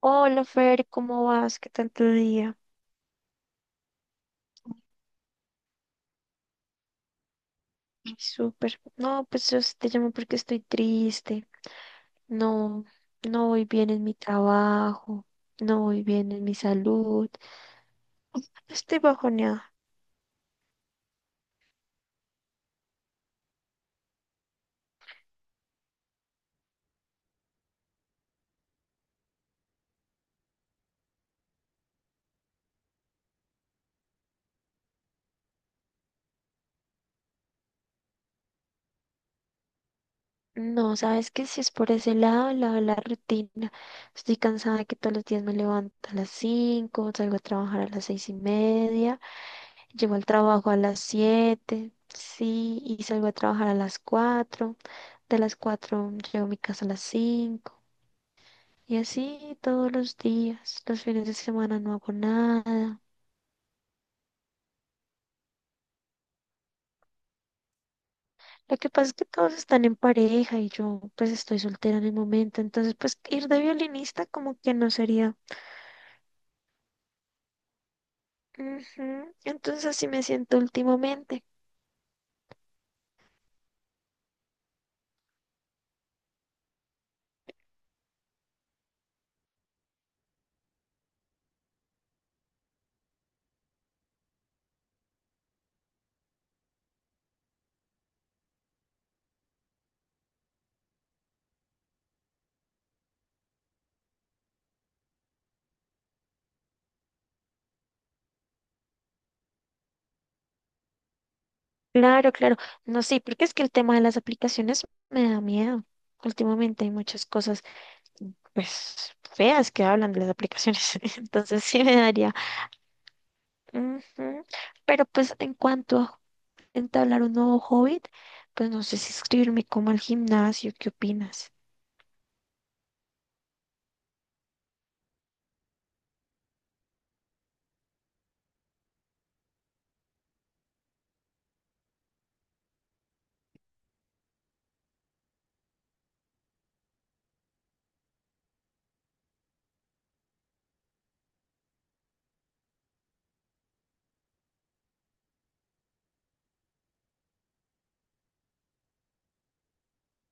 Hola Fer, ¿cómo vas? ¿Qué tal tu día? Ay, súper. No, pues yo sí te llamo porque estoy triste. No, no voy bien en mi trabajo, no voy bien en mi salud. Estoy bajoneada. No, sabes que si es por ese lado, el lado de la rutina. Estoy cansada de que todos los días me levanto a las 5, salgo a trabajar a las 6:30, llego al trabajo a las 7, sí, y salgo a trabajar a las 4. De las 4 llego a mi casa a las 5. Y así todos los días, los fines de semana no hago nada. Lo que pasa es que todos están en pareja y yo pues estoy soltera en el momento, entonces pues ir de violinista como que no sería. Ujú. Entonces así me siento últimamente. Claro, claro. No sé, porque es que el tema de las aplicaciones me da miedo. Últimamente hay muchas cosas pues feas que hablan de las aplicaciones, entonces sí me daría. Ujú. Pero pues en cuanto a entablar un nuevo hobby, pues no sé si inscribirme como al gimnasio, ¿qué opinas?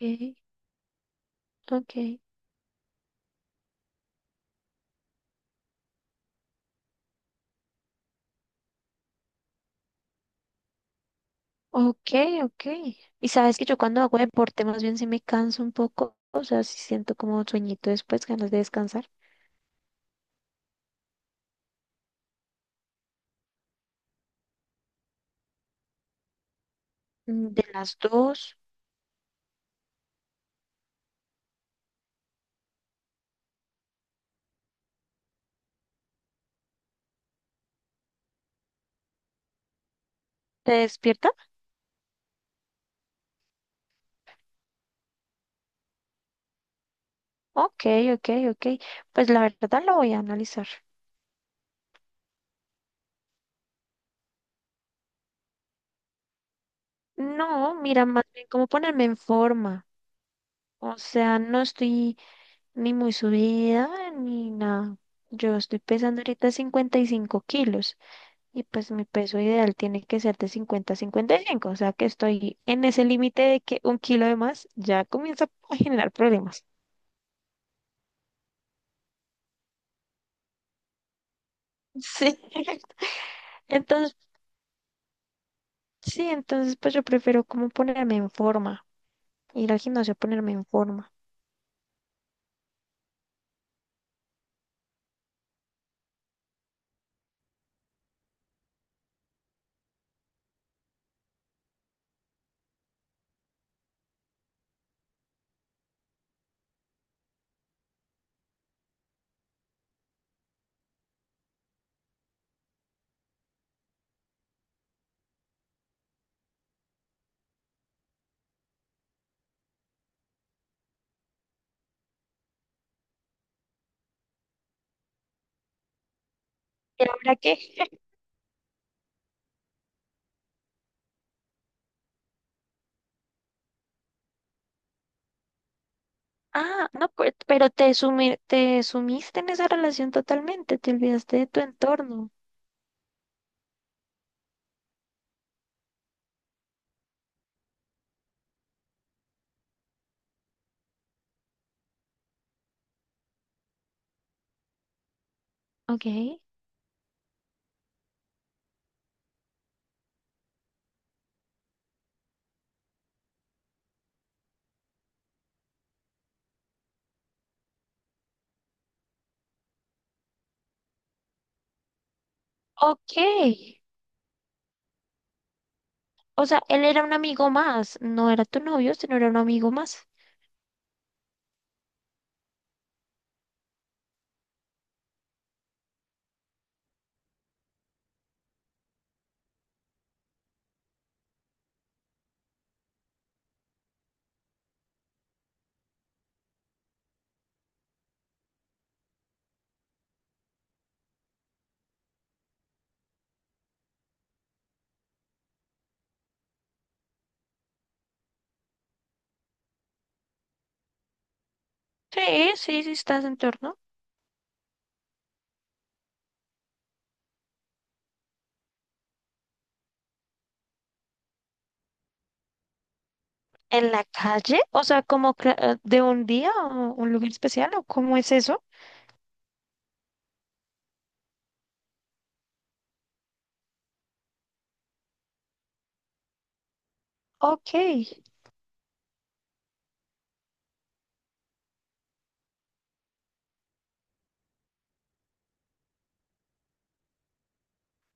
Okay, okay, okay, okay. Y sabes que yo cuando hago deporte más bien sí me canso un poco, o sea, sí siento como sueñito después, ganas de descansar. Mm, de las dos, ¿te despierta? Okay, okay, okay. Pues la verdad lo voy a analizar. No, mira, más bien cómo ponerme en forma. O sea, no estoy ni muy subida ni nada. Yo estoy pesando ahorita 55 kilos. Y pues mi peso ideal tiene que ser de 50 a 55, o sea que estoy en ese límite de que un kilo de más ya comienza a generar problemas. Sí. Entonces, sí, entonces pues yo prefiero como ponerme en forma, ir al gimnasio a ponerme en forma. ¿Y ahora qué? Ah, no, pues, pero te sumiste en esa relación totalmente, te olvidaste de tu entorno. Ok. Ok. O sea, él era un amigo más, no era tu novio, sino era un amigo más. Sí, sí, sí, estás en torno. ¿En la calle? O sea, como de un día o un lugar especial, o cómo es eso? Ok.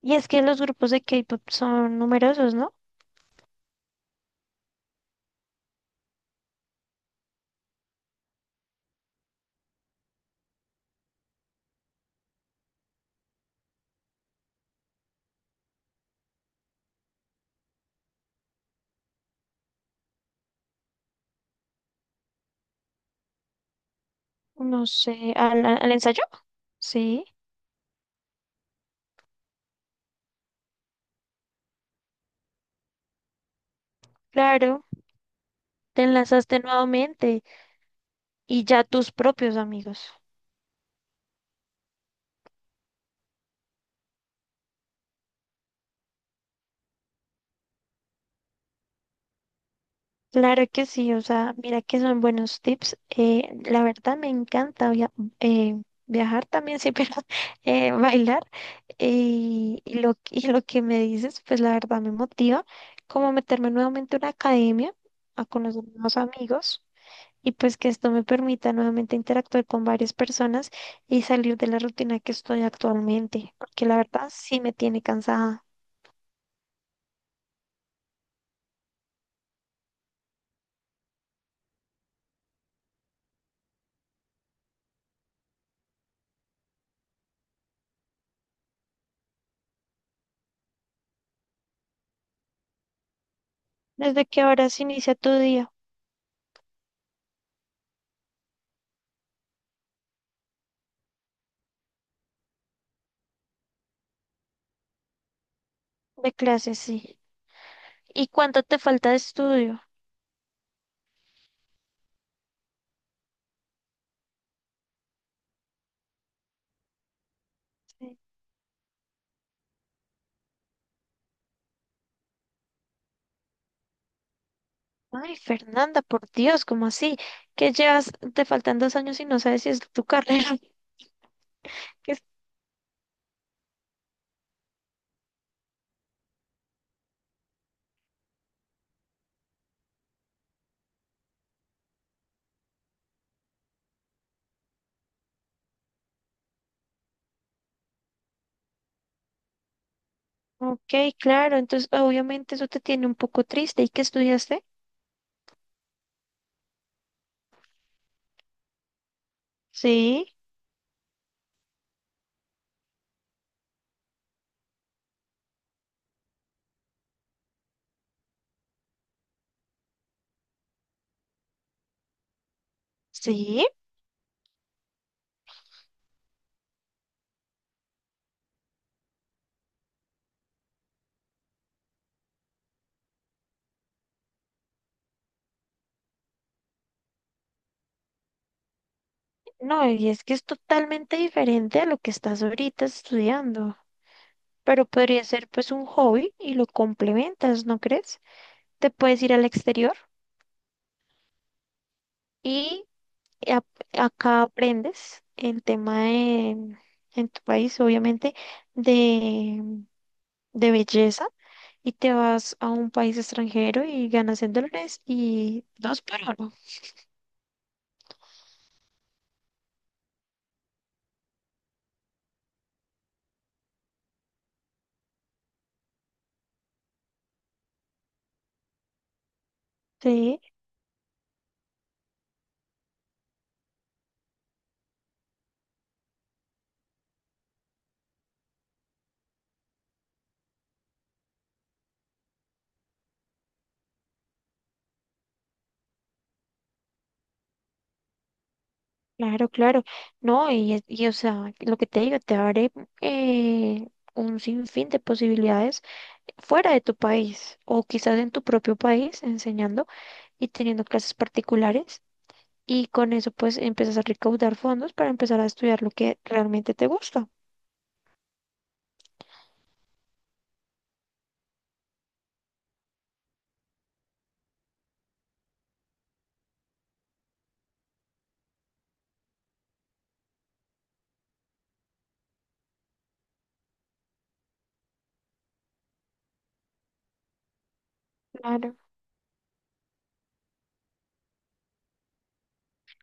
Y es que los grupos de K-pop son numerosos, ¿no? No sé, ¿al ensayo? Sí, claro. Te enlazaste nuevamente y ya tus propios amigos. Claro que sí, o sea, mira que son buenos tips. La verdad me encanta viajar también, sí, pero bailar. Y lo, que me dices, pues la verdad me motiva como meterme nuevamente a una academia, a conocer nuevos amigos y pues que esto me permita nuevamente interactuar con varias personas y salir de la rutina que estoy actualmente, porque la verdad sí me tiene cansada. ¿Desde qué horas inicia tu día de clases? Sí. ¿Y cuánto te falta de estudio? Sí. Ay, Fernanda, por Dios, ¿cómo así? ¿Qué llevas, te faltan 2 años y no sabes si es tu carrera? ¿Qué es-? Ok, claro, entonces obviamente eso te tiene un poco triste. ¿Y qué estudiaste? Sí, sí, no, y es que es totalmente diferente a lo que estás ahorita estudiando. Pero podría ser pues un hobby y lo complementas, ¿no crees? Te puedes ir al exterior y y ap- acá aprendes el tema de- en tu país, obviamente, de, belleza y te vas a un país extranjero y ganas en dólares y dos por uno. Sí, claro, claro. No, y, y, o sea, lo que te digo, te abre eh, un sinfín de posibilidades fuera de tu país o quizás en tu propio país enseñando y teniendo clases particulares. Y con eso pues empiezas a recaudar fondos para empezar a estudiar lo que realmente te gusta. Claro.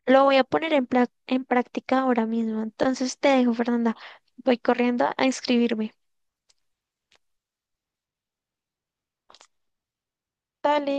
Lo voy a poner en práctica ahora mismo. Entonces te dejo, Fernanda. Voy corriendo a inscribirme. Dale.